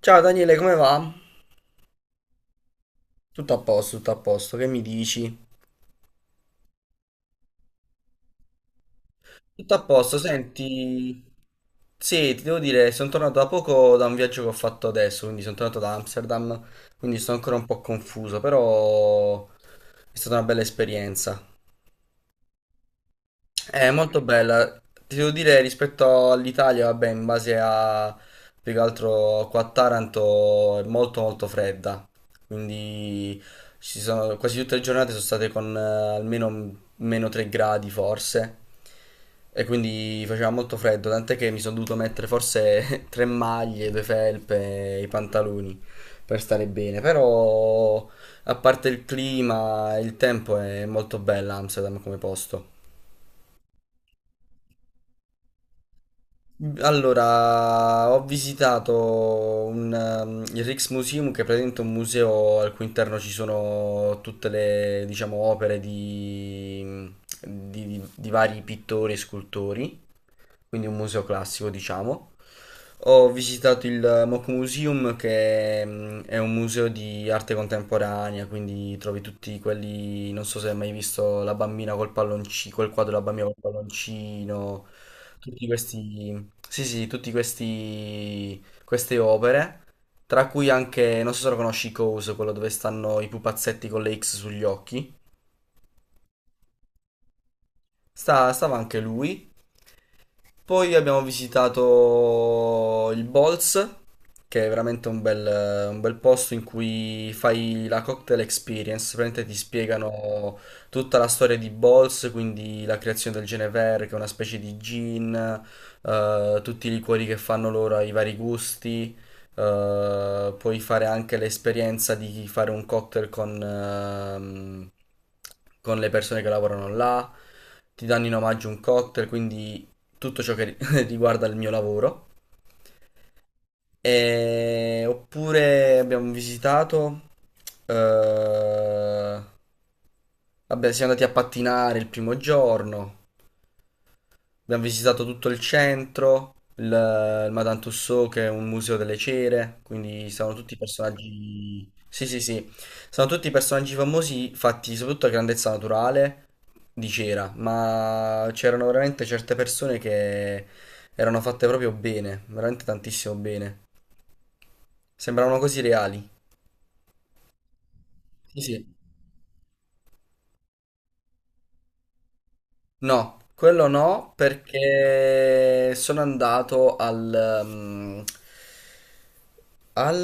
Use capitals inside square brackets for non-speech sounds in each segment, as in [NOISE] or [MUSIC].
Ciao Daniele, come va? Tutto a posto, che mi dici? Tutto a posto, senti, sì, ti devo dire, sono tornato da poco da un viaggio che ho fatto adesso, quindi sono tornato da Amsterdam, quindi sono ancora un po' confuso, però è stata una bella esperienza. È molto bella. Ti devo dire rispetto all'Italia, vabbè, in base a più che altro qua a Taranto è molto molto fredda. Quindi ci sono, quasi tutte le giornate sono state con almeno meno 3 gradi forse. E quindi faceva molto freddo, tant'è che mi sono dovuto mettere forse [LAUGHS] tre maglie, due felpe, i pantaloni per stare bene. Però a parte il clima, il tempo è molto bella Amsterdam come posto. Allora, ho visitato un, il Rijksmuseum, che è praticamente un museo al cui interno ci sono tutte le, diciamo, opere di, di vari pittori e scultori, quindi un museo classico, diciamo. Ho visitato il Mock Museum, che è un museo di arte contemporanea, quindi trovi tutti quelli, non so se hai mai visto la bambina col palloncino, quel quadro della bambina col palloncino, tutti questi, sì, sì, tutti questi, queste opere, tra cui anche, non so se lo conosci, Cose, quello dove stanno i pupazzetti con le X sugli occhi. Stava anche lui. Poi abbiamo visitato il Bolz, che è veramente un bel posto in cui fai la cocktail experience, praticamente ti spiegano tutta la storia di Bolz, quindi la creazione del Genever, che è una specie di gin, tutti i liquori che fanno loro, i vari gusti. Puoi fare anche l'esperienza di fare un cocktail con le persone che lavorano là, ti danno in omaggio un cocktail, quindi tutto ciò che ri- [LAUGHS] riguarda il mio lavoro. E... Oppure abbiamo visitato... eh, vabbè, siamo andati a pattinare il primo giorno. Abbiamo visitato tutto il centro, il Madame Tussauds, che è un museo delle cere, quindi sono tutti personaggi... Sì, sì, sì, sono tutti personaggi famosi fatti soprattutto a grandezza naturale di cera, ma c'erano veramente certe persone che erano fatte proprio bene, veramente tantissimo bene. Sembravano così reali. Sì, sì. No, quello no, perché sono andato al... mm, al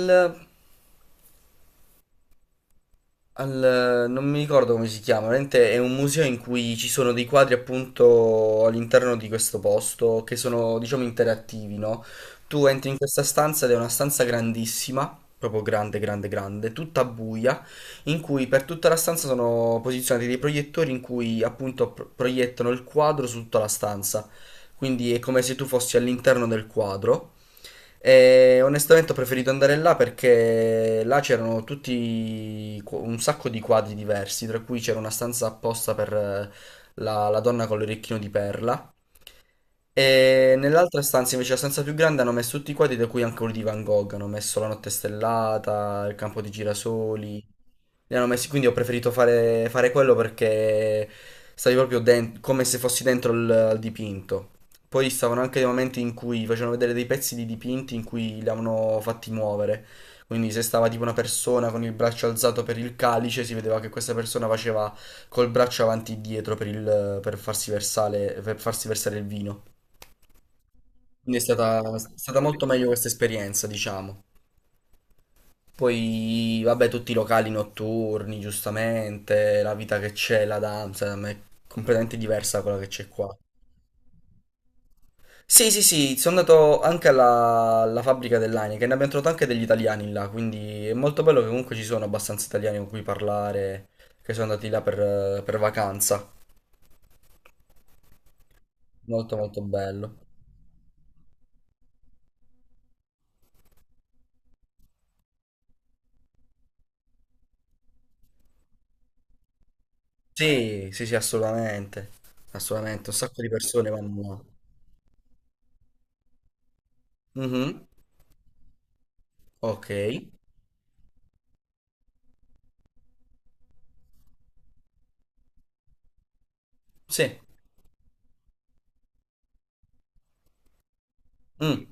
non mi ricordo come si chiama, veramente è un museo in cui ci sono dei quadri appunto all'interno di questo posto che sono, diciamo, interattivi, no? Tu entri in questa stanza ed è una stanza grandissima, proprio grande, grande, grande, tutta buia, in cui per tutta la stanza sono posizionati dei proiettori in cui appunto proiettano il quadro su tutta la stanza. Quindi è come se tu fossi all'interno del quadro. E onestamente ho preferito andare là perché là c'erano tutti i un sacco di quadri diversi, tra cui c'era una stanza apposta per la, la donna con l'orecchino di perla e nell'altra stanza invece, la stanza più grande, hanno messo tutti i quadri, da cui anche quello di Van Gogh. Hanno messo La notte stellata, Il campo di girasoli. Li hanno messi, quindi ho preferito fare, fare quello perché stavi proprio come se fossi dentro il, al dipinto. Poi stavano anche dei momenti in cui facevano vedere dei pezzi di dipinti in cui li avevano fatti muovere. Quindi se stava tipo una persona con il braccio alzato per il calice, si vedeva che questa persona faceva col braccio avanti e dietro per, per farsi versare il vino. Quindi è stata molto meglio questa esperienza, diciamo. Poi, vabbè, tutti i locali notturni, giustamente, la vita che c'è là ad Amsterdam è completamente diversa da quella che c'è qua. Sì, sì, sì, sono andato anche alla, alla fabbrica dell'Heineken, ne abbiamo trovato anche degli italiani là, quindi è molto bello che comunque ci sono abbastanza italiani con cui parlare, che sono andati là per vacanza. Molto, molto bello. Sì, sì, sì, assolutamente. Assolutamente, un sacco di persone vanno là. Mhm. Ok. Sì. Mm.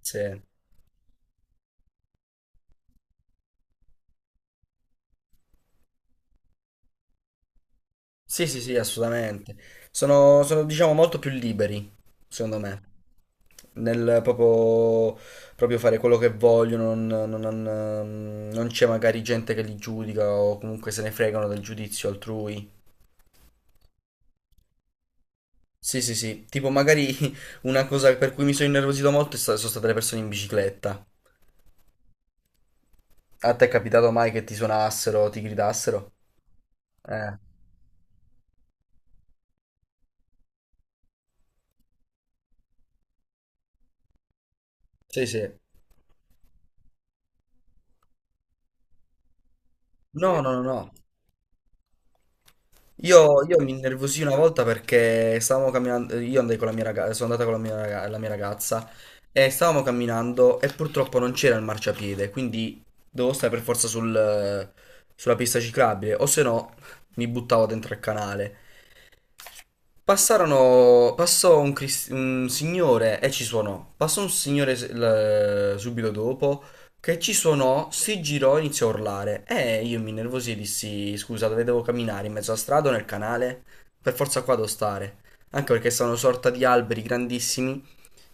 Sì. Sì, sì, sì, assolutamente. Sono, sono, diciamo, molto più liberi, secondo me, nel proprio, proprio fare quello che vogliono, non, non c'è magari gente che li giudica o comunque se ne fregano del giudizio altrui. Sì, sì, sì, tipo magari [LAUGHS] una cosa per cui mi sono innervosito molto è sono state le persone in bicicletta. A te è capitato mai che ti suonassero o ti gridassero? Eh, sì, sì. No, no, no, no. Io mi innervosii una volta perché stavamo camminando, io andai con la mia ragazza, sono andata con la mia, la mia ragazza e stavamo camminando e purtroppo non c'era il marciapiede, quindi dovevo stare per forza sulla pista ciclabile, o se no mi buttavo dentro il canale. Passarono, passò un, un signore e ci suonò. Passò un signore subito dopo che ci suonò, si girò e iniziò a urlare. E io mi innervosì e dissi: Scusa, dove devo camminare? In mezzo alla strada o nel canale? Per forza qua devo stare. Anche perché sono una sorta di alberi grandissimi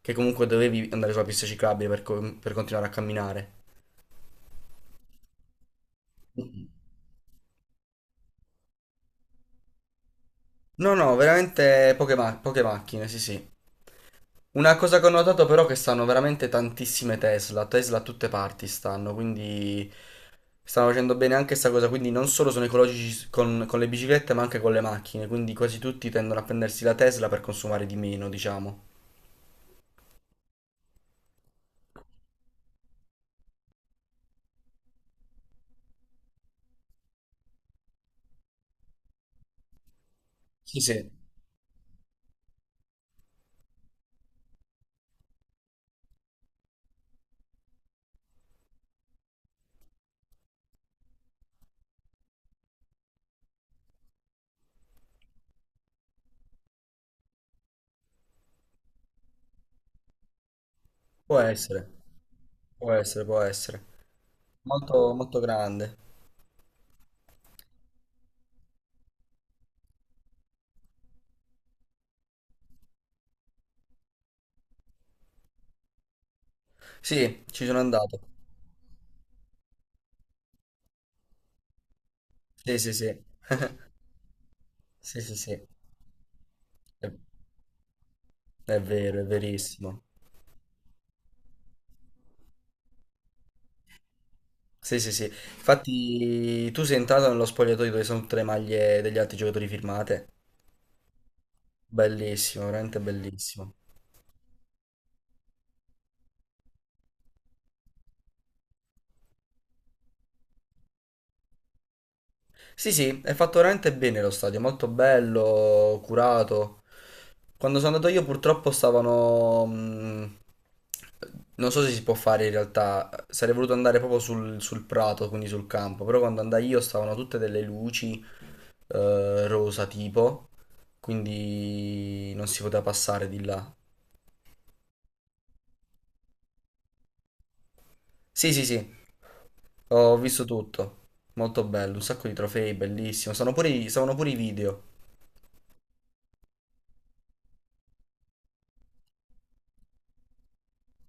che comunque dovevi andare sulla pista ciclabile per, per continuare a camminare. No, no, veramente poche, poche macchine, sì, sì. Una cosa che ho notato però è che stanno veramente tantissime Tesla, Tesla a tutte parti stanno, quindi stanno facendo bene anche questa cosa, quindi non solo sono ecologici con le biciclette ma anche con le macchine, quindi quasi tutti tendono a prendersi la Tesla per consumare di meno, diciamo. Sì, sì. Può essere, può essere, può essere. Molto, molto grande. Sì, ci sono andato. Sì, sì, sì. Sì, sì, sì. È, è vero, è verissimo. Sì, sì, sì. Infatti, tu sei entrato nello spogliatoio dove sono tutte le maglie degli altri giocatori firmate. Bellissimo, veramente bellissimo. Sì, sì, è fatto veramente bene lo stadio, molto bello, curato. Quando sono andato io, purtroppo stavano. Non so se si può fare in realtà. Sarei voluto andare proprio sul, sul prato, quindi sul campo. Però quando andai io, stavano tutte delle luci rosa tipo. Quindi non si poteva passare di là. Sì, sì, sì. Ho visto tutto. Molto bello, un sacco di trofei, bellissimo. Sono pure i, stavano pure i video.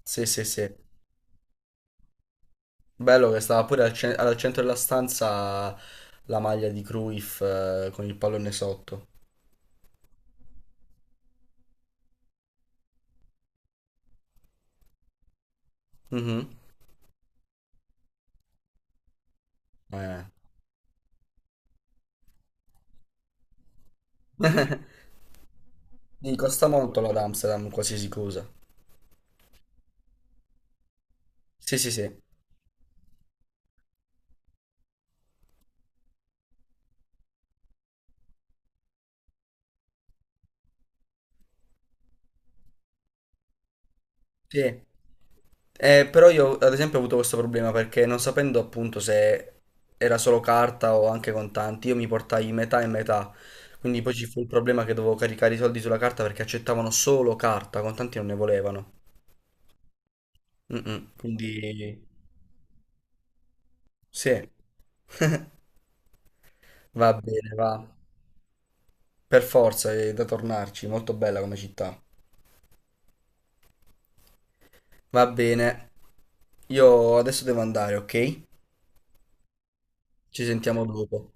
Sì, sì, sì. Bello che stava pure al, al centro della stanza la maglia di Cruyff con il pallone sotto. Mhm. Eh. Gli costa molto la ad Amsterdam, qualsiasi cosa. Sì, sì, sì. Sì. Però io ad esempio ho avuto questo problema perché non sapendo appunto se era solo carta o anche contanti, io mi portai metà e metà. Quindi poi ci fu il problema che dovevo caricare i soldi sulla carta perché accettavano solo carta, contanti non ne volevano. Mm-mm. Quindi sì, va bene, va. Per forza, è da tornarci, molto bella come città. Va bene. Io adesso devo andare, ok? Ci sentiamo dopo.